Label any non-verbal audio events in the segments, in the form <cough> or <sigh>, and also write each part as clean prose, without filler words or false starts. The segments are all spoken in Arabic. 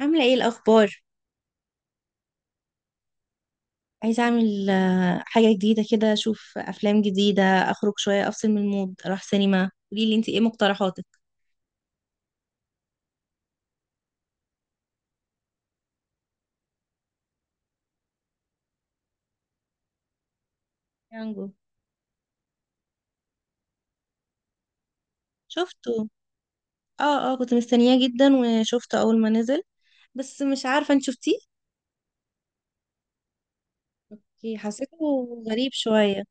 عاملة ايه الأخبار؟ عايزة أعمل حاجة جديدة كده أشوف أفلام جديدة أخرج شوية أفصل من المود أروح سينما قوليلي انتي ايه مقترحاتك؟ يانجو شفته. اه كنت مستنياه جدا وشفته أول ما نزل، بس مش عارفة انت شفتيه؟ اوكي، حسيته. غريب شوية.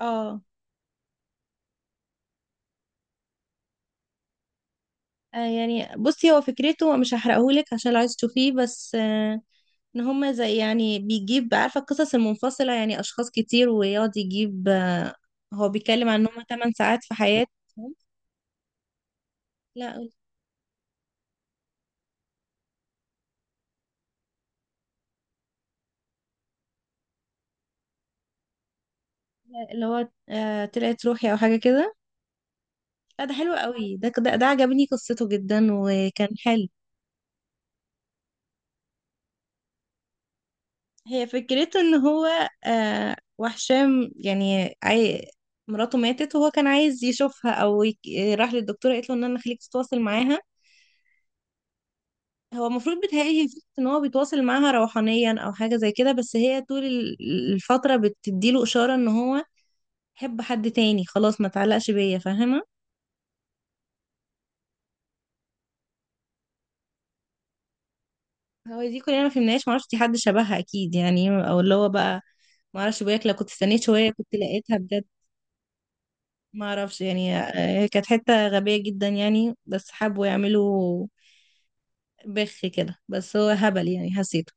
اه يعني بصي هو فكرته مش هحرقهولك عشان لو عايز تشوفيه، بس ان هما زي يعني بيجيب عارفة القصص المنفصلة، يعني أشخاص كتير ويقعد يجيب هو بيتكلم عن ان هما 8 ساعات في حياتهم. لا قلت. لا، اللي هو طلعت روحي او حاجه كده. لا ده حلو قوي، ده ده عجبني قصته جدا وكان حلو. هي فكرته ان هو وحشام يعني عاي... مراته ماتت وهو كان عايز يشوفها او يك... راح للدكتوره قالت له ان انا خليك تتواصل معاها. هو المفروض بيتهيألي هي فكرة ان هو بيتواصل معاها روحانيا او حاجه زي كده، بس هي طول الفتره بتديله اشاره ان هو حب حد تاني خلاص ما تعلقش بيا، فاهمه. هو دي كلنا ما فهمناش، معرفش دي حد شبهها اكيد يعني او اللي هو بقى معرفش، بقولك لو كنت استنيت شوية كنت لقيتها بجد. معرفش يعني كانت حتة غبية جدا يعني، بس حبوا يعملوا بخ كده، بس هو هبل يعني حسيته.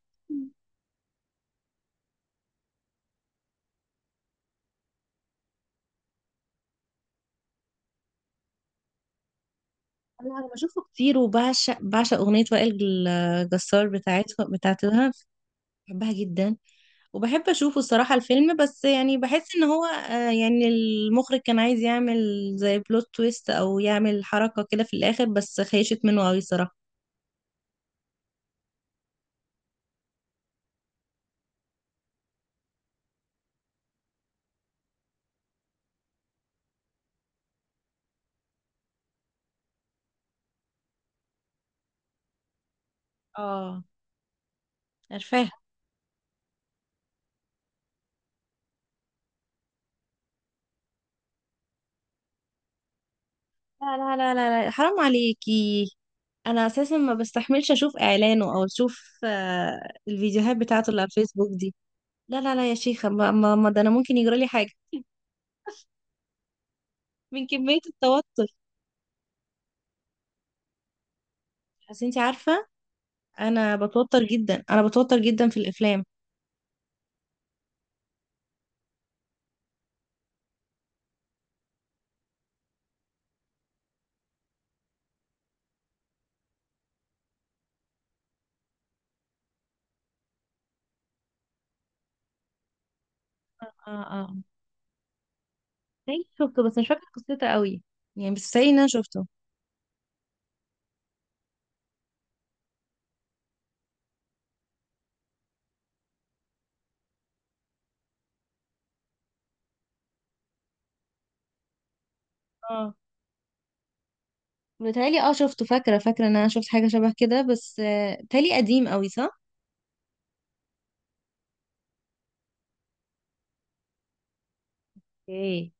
انا بشوفه كتير وبعشق، بعشق اغنية وائل الجسار بتاعتها. بحبها جدا. وبحب اشوفه الصراحة الفيلم، بس يعني بحس ان هو يعني المخرج كان عايز يعمل زي بلوت تويست او يعمل حركة كده في الاخر، بس خيشت منه قوي الصراحة. اه عارفاها. لا، حرام عليكي. انا اساسا ما بستحملش اشوف اعلانه او اشوف الفيديوهات بتاعته اللي على الفيسبوك دي. لا لا لا يا شيخة ما ده انا ممكن يجرى لي حاجة من كمية التوتر. بس انت عارفة انا بتوتر جدا، انا بتوتر جدا في الافلام. اه تاني شفته، بس مش فاكرة قصته قوي. يعني مش متهيألي ان انا شفته. اه متهيألي اه شفته، فاكرة ان انا شفت حاجة شبه كده، بس متهيألي قديم قوي صح؟ ايه.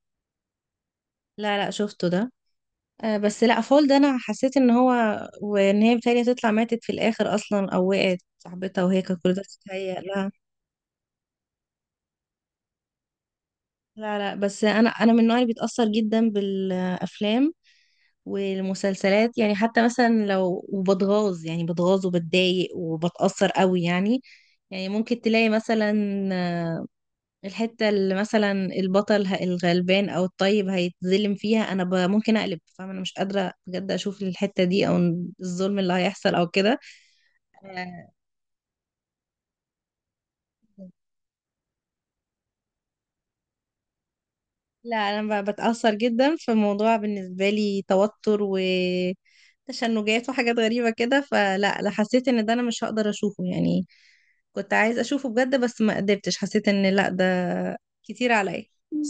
لا لا شفته ده. آه بس لا فول ده انا حسيت ان هو وان هي بتهيألي هتطلع ماتت في الاخر اصلا، او وقعت صاحبتها وهي كانت كل ده بتتهيأ لها. لا بس انا من النوع اللي بيتأثر جدا بالافلام والمسلسلات، يعني حتى مثلا لو وبتغاظ يعني بتغاظ وبتضايق وبتأثر قوي يعني. يعني ممكن تلاقي مثلا آه، الحتة اللي مثلا البطل الغلبان أو الطيب هيتظلم فيها، أنا ممكن أقلب، فاهمة، أنا مش قادرة بجد أشوف الحتة دي أو الظلم اللي هيحصل أو كده. آه، لا انا بتأثر جدا في موضوع بالنسبة لي توتر وتشنجات وحاجات غريبة كده، فلا لا حسيت ان ده انا مش هقدر اشوفه يعني. كنت عايز اشوفه بجد، بس ما قدرتش، حسيت ان لا ده كتير عليا. <laughs>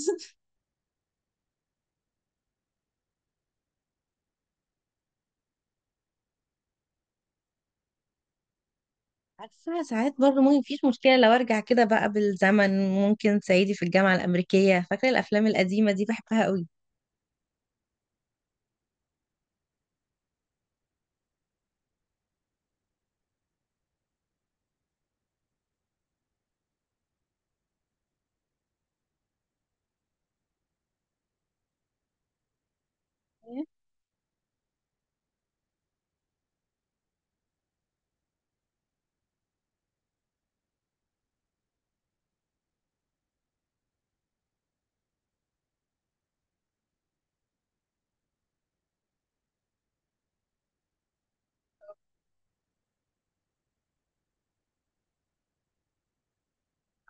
عارفة ساعات برضه ممكن مفيش مشكلة، لو ارجع كده بقى بالزمن ممكن صعيدي في الجامعة الأمريكية، فاكرة الأفلام القديمة دي بحبها قوي.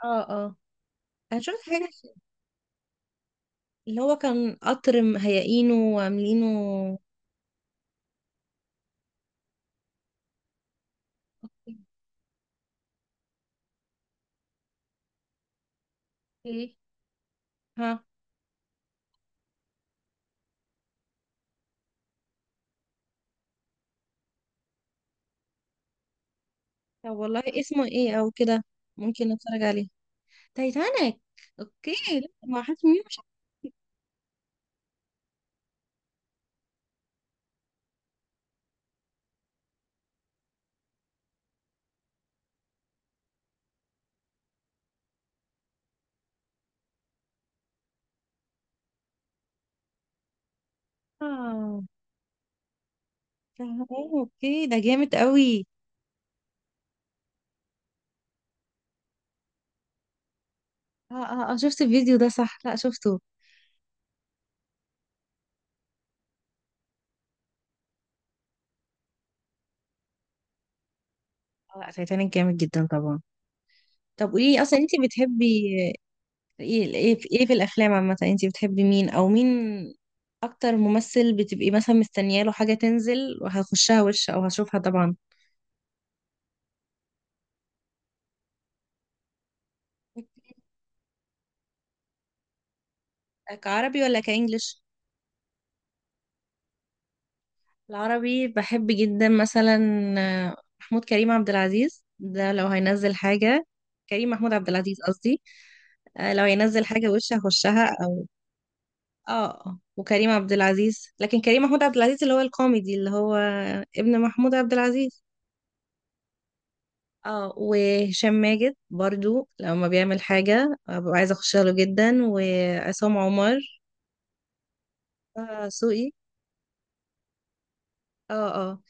اه انا شفت حاجة اللي هو كان قطر مهيئينه وعاملينه. ايه ها. طب والله اسمه ايه او كده؟ ممكن اتفرج عليه. تايتانيك. اوكي. لا، ما حاسس مين مش عارفة. اه اوكي ده جامد قوي. اه شفت الفيديو ده صح؟ لا شفته. اه لا تايتانيك جامد جدا طبعا. طب قولي لي اصلا انت بتحبي ايه ايه في إيه في الافلام عامه؟ انت بتحبي مين او مين، اكتر ممثل بتبقي مثلا مستنياله حاجه تنزل وهخشها وش او هشوفها طبعا؟ كعربي ولا كانجليش؟ العربي بحب جدا مثلا محمود كريم عبد العزيز ده لو هينزل حاجة، كريم محمود عبد العزيز قصدي، لو هينزل حاجة وش هخشها او اه. وكريم عبد العزيز، لكن كريم محمود عبد العزيز اللي هو الكوميدي اللي هو ابن محمود عبد العزيز. اه وهشام ماجد برضو لما بيعمل حاجة ببقى عايزة اخشها له جدا، وعصام عمر. آه سوقي. اه اه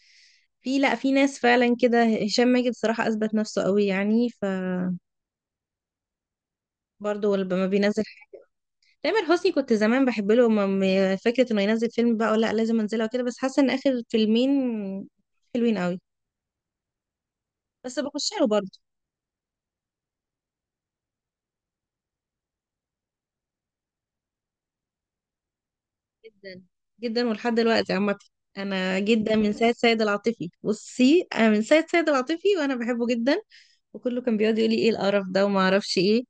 في لا في ناس فعلا كده هشام ماجد صراحة اثبت نفسه قوي يعني برضه لما بينزل. تامر حسني كنت زمان بحب له فكره انه ينزل فيلم بقى ولا لا لازم انزله وكده، بس حاسه ان اخر فيلمين حلوين قوي. بس بخش له برضه. جدا، جدا ولحد دلوقتي عامه. انا جدا من ساعه سيد العاطفي، بصي انا من ساعه سيد العاطفي وانا بحبه جدا. وكله كان بيقعد يقول لي ايه القرف ده وما اعرفش ايه،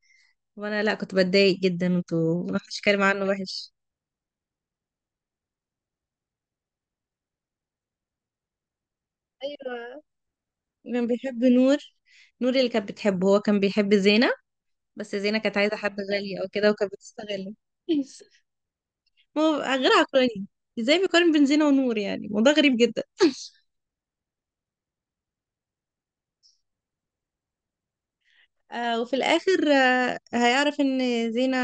وانا لا كنت بتضايق جدا، انتوا ما حدش كلام عنه وحش. ايوه كان بيحب نور، نور اللي كانت بتحبه، هو كان بيحب زينة. بس زينة كانت عايزة حد غني او كده وكانت بتستغله. <laughs> ما هو غير عقلاني، ازاي بيقارن بين زينة ونور؟ يعني الموضوع غريب جدا. آه وفي الاخر آه هيعرف ان زينة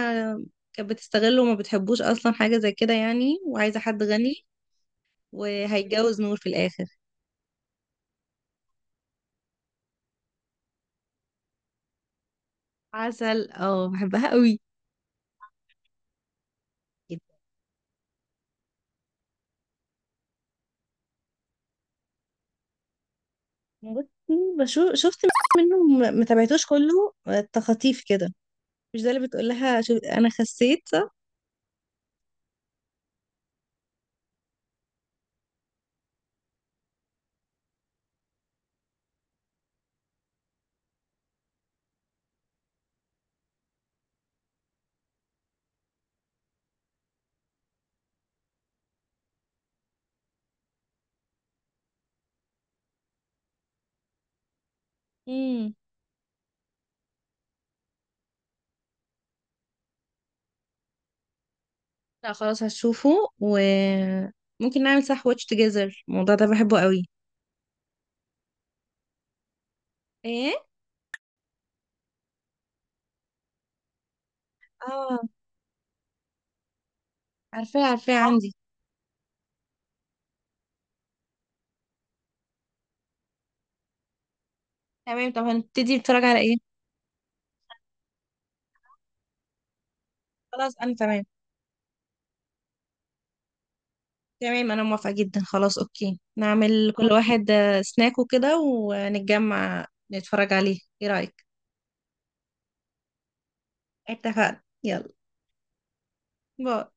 كانت بتستغله وما بتحبوش اصلا حاجة زي كده يعني، وعايزة حد غني، وهيتجوز نور في الاخر. عسل اه بحبها قوي. جدا. بصي بشوف، شفت منه، ما ما تابعتوش كله تخاطيف كده. مش ده اللي بتقول لها شو... انا خسيت صح؟ مم. لا خلاص هشوفه. وممكن نعمل صح واتش توجذر، الموضوع ده بحبه قوي. ايه اه عارفاه، عارفاه صح؟ عندي. تمام. طب هنبتدي نتفرج على ايه؟ خلاص انا تمام. تمام انا موافقة جدا. خلاص اوكي نعمل كل واحد سناك وكده ونتجمع نتفرج عليه، ايه رأيك؟ اتفقنا، يلا باي.